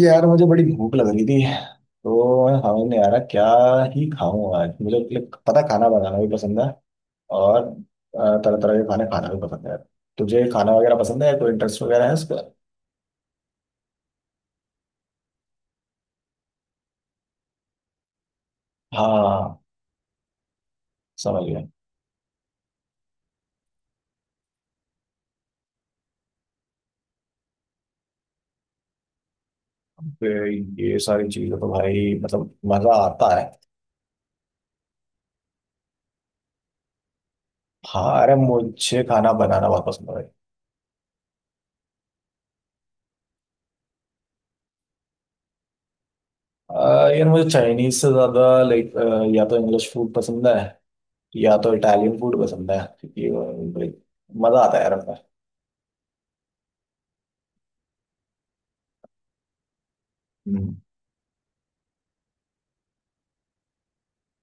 यार मुझे बड़ी भूख लग रही थी। तो मैं समझ नहीं आ रहा क्या ही खाऊं आज। मुझे like, पता खाना बनाना भी पसंद है और तरह तरह के खाने खाना भी पसंद है। तुझे खाना वगैरह पसंद है, कोई इंटरेस्ट वगैरह है इसका? हाँ, समझ गया। अबे, ये सारी चीजें तो भाई मतलब मजा आता है। हाँ अरे मुझे खाना बनाना बहुत पसंद है भाई। यार मुझे चाइनीज से ज्यादा लाइक या तो इंग्लिश फूड पसंद है या तो इटालियन फूड पसंद है। ये like, मजा आता है यार अपना।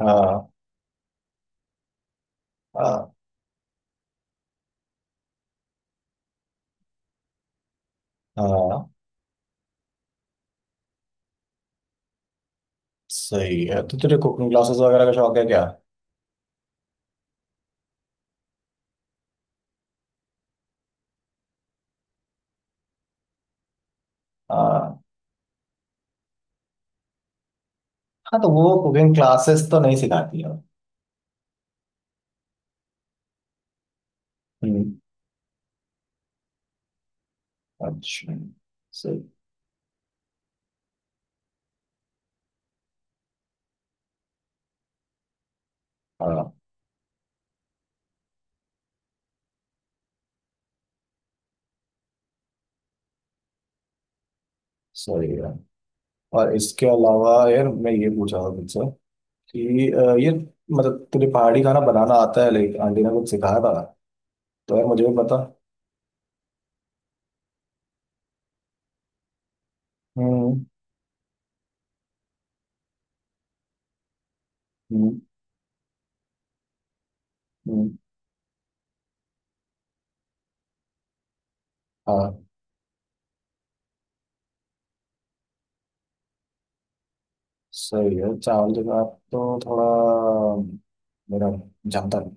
हाँ हाँ हाँ, सही है। तो तुझे कुकिंग क्लासेस वगैरह का शौक है क्या? हाँ हाँ, तो वो कुकिंग क्लासेस तो नहीं सिखाती है। हम्म। अच्छा। सही। हाँ सही है। और इसके अलावा यार मैं ये पूछ रहा हूँ तुझसे कि ये मतलब तुझे पहाड़ी खाना बनाना आता है, लाइक आंटी ने कुछ सिखाया था तो यार मुझे भी बता। हम्म। हम्म। हम्म। हाँ सही है चावल के साथ तो थोड़ा मेरा जमता नहीं।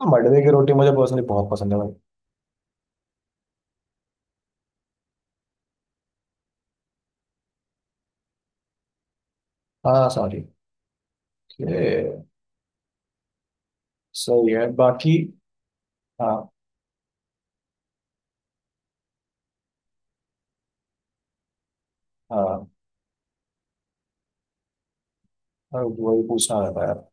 हाँ, मडवे की रोटी मुझे पर्सनली बहुत पसंद है। हाँ सॉरी। ये सही है बाकी। हाँ हाँ हाँ, वही पूछना रहता है यार।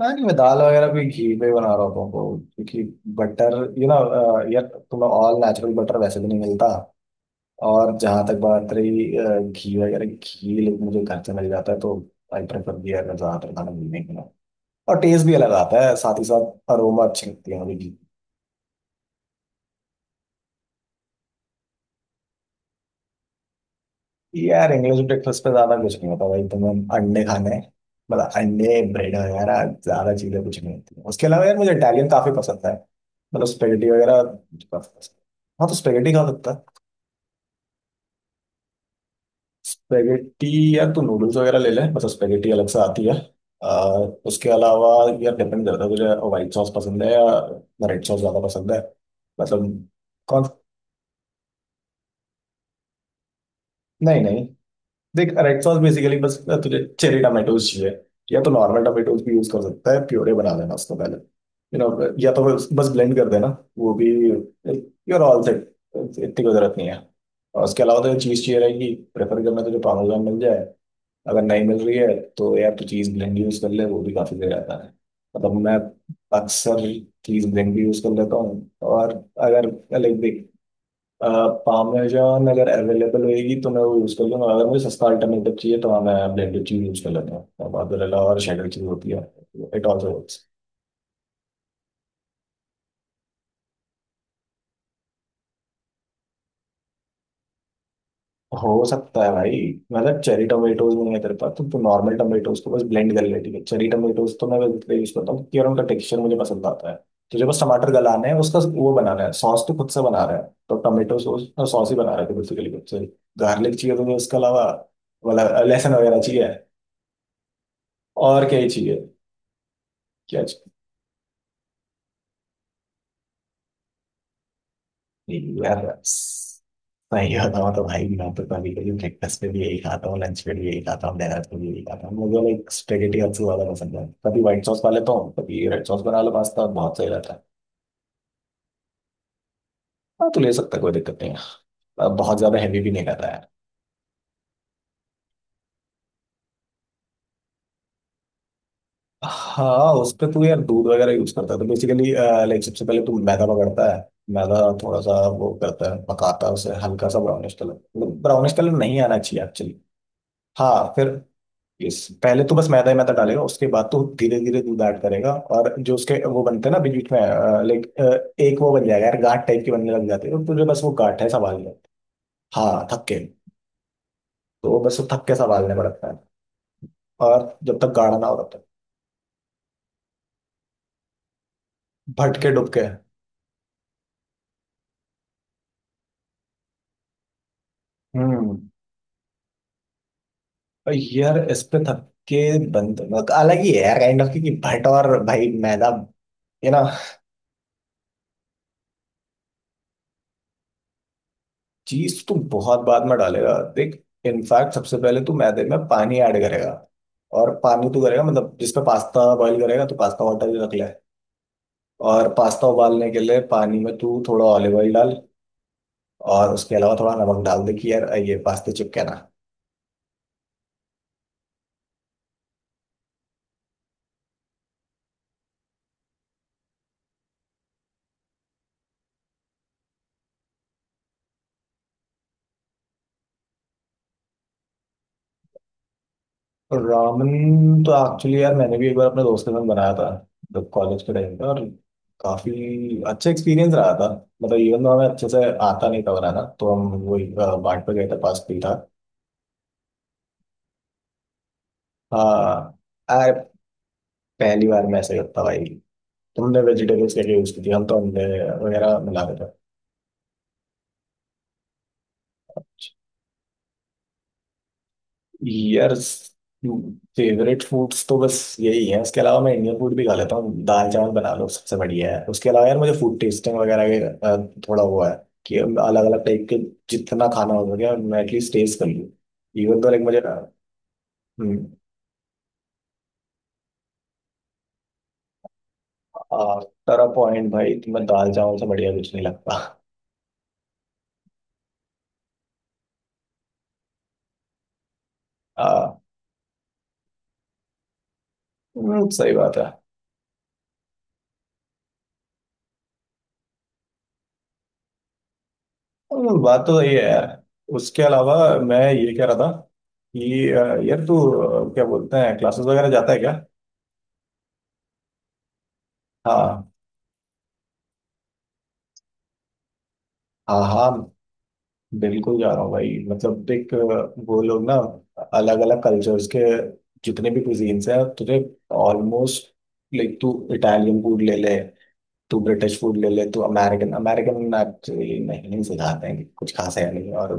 हाँ नहीं मैं दाल वगैरह भी घी पे बना रहा होता हूँ तो क्योंकि बटर यू ना यार तुम्हें ऑल नेचुरल बटर वैसे भी नहीं मिलता। और जहाँ तक बात रही घी वगैरह घी लेकिन मुझे घर से मिल जाता है तो आई प्रेफर घी अगर ज़्यादातर खाना मिलने के लिए। और टेस्ट भी अलग आता है साथ ही साथ अरोमा अच्छी लगती है मुझे। यार इंग्लिश ब्रेकफास्ट पे ज्यादा कुछ नहीं होता भाई तुम्हें अंडे खाने हैं। मतलब अंडे ब्रेड वगैरह ज्यादा चीजें कुछ नहीं होती। उसके अलावा यार मुझे इटालियन काफी पसंद है। मतलब स्पेगेटी वगैरह मुझे काफी पसंद है। हाँ तो स्पेगेटी खा सकता है। स्पेगेटी, यार तू नूडल्स वगैरह ले ले, मतलब स्पेगेटी अलग से आती है। आ, उसके अलावा यार डिपेंड करता है तुझे व्हाइट सॉस पसंद है या रेड सॉस ज्यादा पसंद है। मतलब कौन। नहीं नहीं, देख रेड सॉस बेसिकली बस तुझे चेरी टमाटोज चाहिए। या तो नॉर्मल टमाटोज भी यूज कर सकता है, प्योरे बना लेना उसको पहले यू नो या तो बस बस ब्लेंड कर देना वो भी, यूर ऑल सेट। इतनी कोई जरूरत नहीं है। और उसके अलावा तो चीज़ चाहिए रहेगी, प्रेफर करना तुझे पार्मेजान मिल जाए। अगर नहीं मिल रही है तो यार तू चीज़ ब्लेंड यूज कर ले, वो भी काफ़ी सही रहता है। मतलब मैं अक्सर चीज़ ब्लेंड भी यूज कर लेता हूँ। और अगर लाइक देख पामेजान अगर अवेलेबल होएगी तो मैं वो यूज़ कर लूंगा। अगर मुझे सस्ता अल्टरनेटिव चाहिए तो हाँ मैं ब्लेंडेड चीज़ यूज़ कर लेता हूँ, मोज़रेला और शेडर चीज़ होती है। It also works. हो सकता है भाई। मतलब चेरी टोमेटोज नहीं है तेरे पास तो नॉर्मल टोमेटोज को बस ब्लेंड कर ले ठीक है। चेरी टोमेटोज तो मैं यूज़ करता हूँ क्योंकि यार उनका टेक्सचर मुझे पसंद आता है। तुझे बस टमाटर गलाना है उसका वो बनाना है सॉस, तो खुद से बना रहा है। तो टोमेटो सॉस सॉस ही बना रहा है बेसिकली खुद से। गार्लिक चाहिए तो उसके अलावा वाला लहसुन वगैरह चाहिए। और क्या ही चाहिए? क्या? यही यार, सही होता हूँ तो भाई मैं तो कभी कभी ब्रेकफास्ट पे भी यही खाता हूँ, लंच पे भी यही खाता हूँ, डिनर पे भी यही खाता हूँ। मुझे लाइक स्पेगेटी सबसे ज्यादा पसंद है। कभी व्हाइट सॉस खा लेता हूँ कभी रेड सॉस बना लो, पास्ता बहुत सही रहता है। हाँ तो ले सकता है, कोई दिक्कत नहीं है। अब बहुत ज्यादा हैवी भी नहीं खाता यार। हाँ उस पे तू यार दूध वगैरह यूज करता है तो बेसिकली लाइक सबसे पहले तू मैदा पकड़ता है। मैदा थोड़ा सा वो करता है पकाता है उसे हल्का सा ब्राउनिश कलर, मतलब ब्राउनिश कलर नहीं आना चाहिए एक्चुअली। हाँ फिर यस, पहले तो बस मैदा ही मैदा डालेगा, उसके बाद तो धीरे धीरे दूध ऐड करेगा और जो उसके वो बनते हैं ना बीच बीच में, लाइक एक वो बन जाएगा यार गांठ टाइप के बनने लग जाते हैं तो तुझे बस वो गांठ है संभालने। हाँ थक्के, तो वो बस वो थक्के संभालने पड़ता है। और जब तक गाढ़ा ना हो तब तक। भटके डुबके। हम्म। और यार इस पे थक्के बंद अलग ही है यार काइंड ऑफ, क्योंकि भट और भाई मैदा ये ना। चीज तो बहुत बाद में डालेगा देख, इनफैक्ट सबसे पहले तू मैदे में पानी ऐड करेगा। और पानी तो करेगा मतलब जिसमें पास्ता बॉईल करेगा तो पास्ता वाटर भी रख ले। और पास्ता उबालने के लिए पानी में तू थोड़ा ऑलिव ऑयल डाल। और उसके अलावा थोड़ा नमक डाल दे कि यार ये पास्ते चिपके ना। रामन तो एक्चुअली यार मैंने भी एक बार अपने दोस्त के साथ बनाया था जब कॉलेज के टाइम पे, और काफी अच्छा एक्सपीरियंस रहा था। मतलब इवन तो हमें अच्छे से आता नहीं था बनाना, तो हम वही बाट पे गए थे पास भी था। हाँ यार, पहली बार मैं ऐसे करता भाई। तुमने वेजिटेबल्स क्या यूज की थी? हम तो अंडे वगैरह मिला रहे थे। यार फेवरेट फूड्स तो बस यही है। उसके अलावा मैं इंडियन फूड भी खा लेता हूँ, दाल चावल बना लो सबसे बढ़िया है। उसके अलावा यार मुझे फूड टेस्टिंग वगैरह का थोड़ा हुआ है कि अलग अलग टाइप के जितना खाना हो सके मैं एटलीस्ट टेस्ट कर लूँ। इवन तो लाइक मुझे आफ्टर पॉइंट भाई तुम्हें दाल चावल से बढ़िया कुछ नहीं लगता। आ, सही बात है। बात तो ये है यार। उसके अलावा मैं ये कह रहा था कि यार तू क्या बोलते हैं क्लासेस वगैरह जाता है क्या? हाँ हाँ हाँ बिल्कुल जा रहा हूँ भाई। मतलब देख वो लोग ना अलग अलग कल्चर्स के जितने भी कुजीन्स हैं तुझे ऑलमोस्ट लाइक तू इटालियन फूड ले ले, तू ब्रिटिश फूड ले ले, तू अमेरिकन अमेरिकन एक्चुअली नहीं नहीं सिखाते हैं कुछ खास है नहीं। और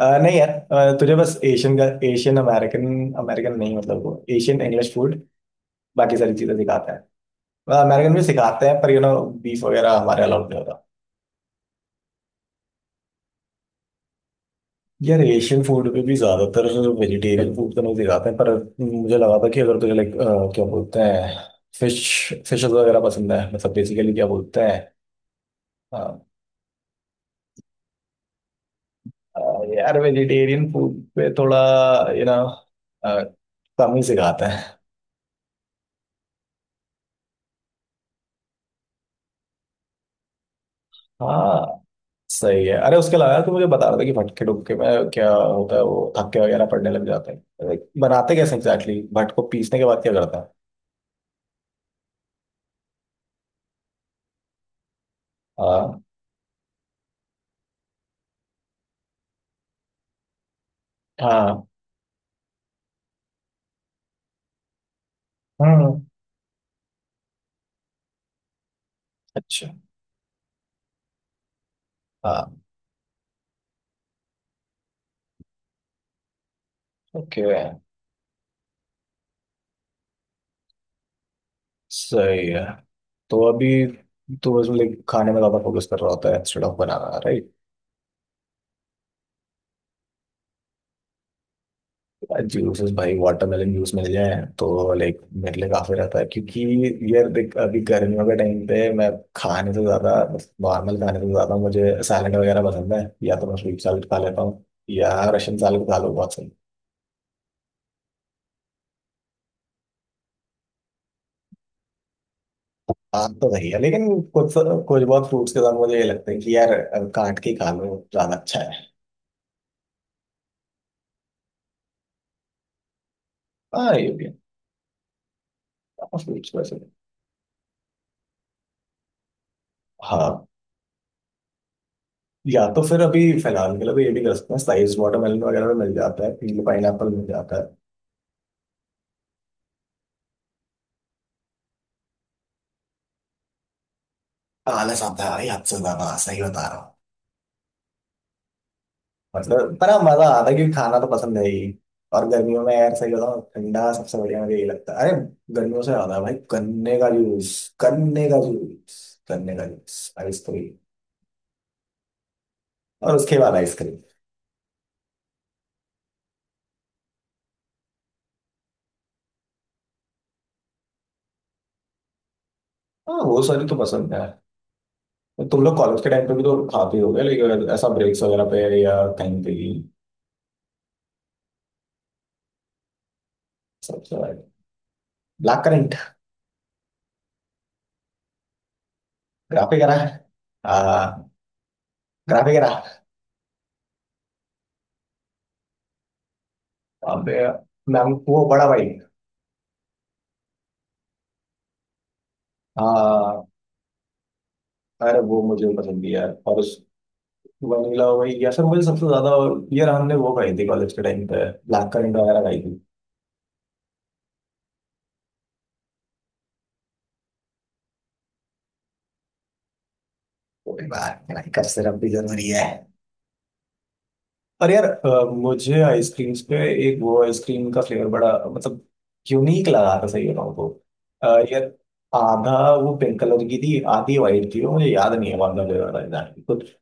नहीं यार तुझे बस एशियन का एशियन अमेरिकन अमेरिकन नहीं मतलब वो एशियन इंग्लिश फूड बाकी सारी चीजें सिखाते हैं। अमेरिकन भी सिखाते हैं पर बीफ वगैरह हमारे अलाउड नहीं। यार एशियन फूड पे भी ज्यादातर वेजिटेरियन फूड तो नहीं दिखाते हैं पर मुझे लगा था कि अगर तुझे लाइक क्या बोलते हैं फिश फिशेस वगैरह पसंद है मतलब बेसिकली क्या बोलते हैं। अ, अ, यार वेजिटेरियन फूड पे थोड़ा यू नो कम ही सिखाते हैं। हाँ सही है। अरे उसके अलावा तो मुझे बता रहा था कि भटके डुबके में क्या होता है वो थक्के वगैरह पड़ने लग जाते हैं। Like, बनाते कैसे एग्जैक्टली भट को पीसने के बाद क्या करता है? हाँ हाँ। हम्म। अच्छा। हाँ। ओके। सही है। तो अभी तो बस लाइक खाने में ज्यादा फोकस कर रहा होता है इंस्टेड ऑफ बनाना, राइट? जूसेस भाई वाटरमेलन जूस मिल जाए तो लाइक मेरे लिए काफी रहता है क्योंकि यार देख अभी गर्मियों के टाइम पे मैं खाने से ज्यादा, नॉर्मल खाने से ज्यादा मुझे सैलड वगैरह पसंद है। या तो मैं स्वीट सैलड खा लेता हूँ या रशियन सैलड खा लो बहुत सही। आप तो सही है लेकिन कुछ कुछ बहुत फ्रूट्स के साथ मुझे ये लगता है कि यार काट के खा लो ज्यादा अच्छा है। हाँ ये भी है। फ्रूट्स वैसे हाँ। या तो फिर अभी फिलहाल के लिए भी ये भी कर सकते हैं। साइज वाटरमेलन वगैरह में मिल जाता है, पीले पाइन मिल जाता है। आलस आता है भाई हद से ज्यादा, सही बता रहा हूँ। मतलब पर हाँ, मजा आता है क्योंकि खाना तो पसंद है ही। और गर्मियों में यार सही बताऊँ ठंडा सबसे बढ़िया मुझे यही लगता है। अरे गर्मियों से ज्यादा भाई गन्ने का जूस। गन्ने का जूस, गन्ने का जूस, आइसक्रीम। और उसके बाद आइसक्रीम। हाँ वो सारी तो पसंद है। तो तुम लोग कॉलेज के टाइम पे भी तो खाते ही होगे लेकिन ऐसा ब्रेक्स वगैरह पे या कहीं पे भी? सबसे ब्लैक करंट। ग्राफे करा ग्राफिकरा। मैं वो बड़ा भाई। हाँ अरे वो मुझे पसंद भी है यार और उस वनीला वही या सर मुझे सबसे ज्यादा। यार हमने वो खाई थी कॉलेज के टाइम पे ब्लैक करंट वगैरह खाई थी। कोई बात नहीं, कब सिर्फ भी जरूरी है। और यार मुझे आइसक्रीम्स पे एक वो आइसक्रीम का फ्लेवर बड़ा मतलब यूनिक लगा था सही बताऊं तो। यार आधा वो पिंक कलर की थी आधी वाइट थी वो मुझे याद नहीं है कौन सा फ्लेवर था एग्जैक्टली कुछ।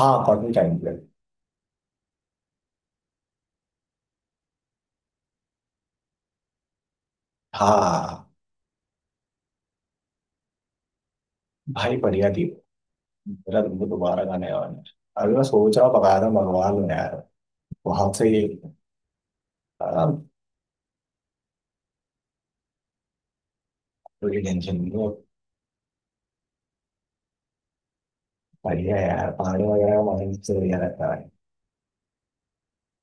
हाँ कॉटन कैंडी। हाँ भाई बढ़िया थी। मेरा तुमको दोबारा गाने वाला है। अभी मैं सोच रहा हूँ पका रहा मंगवा लूँ यार वहां से ही। आ, कोई टेंशन नहीं है। बढ़िया है यार पानी वगैरह हमारे से बढ़िया रहता है।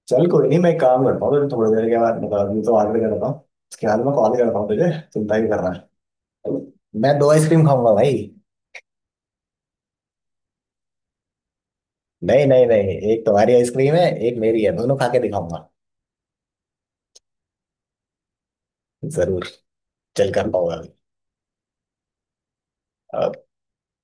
चल कोई नहीं मैं एक काम करता हूँ फिर थोड़ी देर के बाद, मतलब अभी तो ऑर्डर करता हूँ। उसके बाद मैं कॉल करता हूँ तुझे, चिंता ही कर रहा है। मैं दो आइसक्रीम खाऊंगा भाई। नहीं नहीं नहीं एक तुम्हारी आइसक्रीम है एक मेरी है दोनों खा के दिखाऊंगा। जरूर। चल कर पाऊंगा अभी।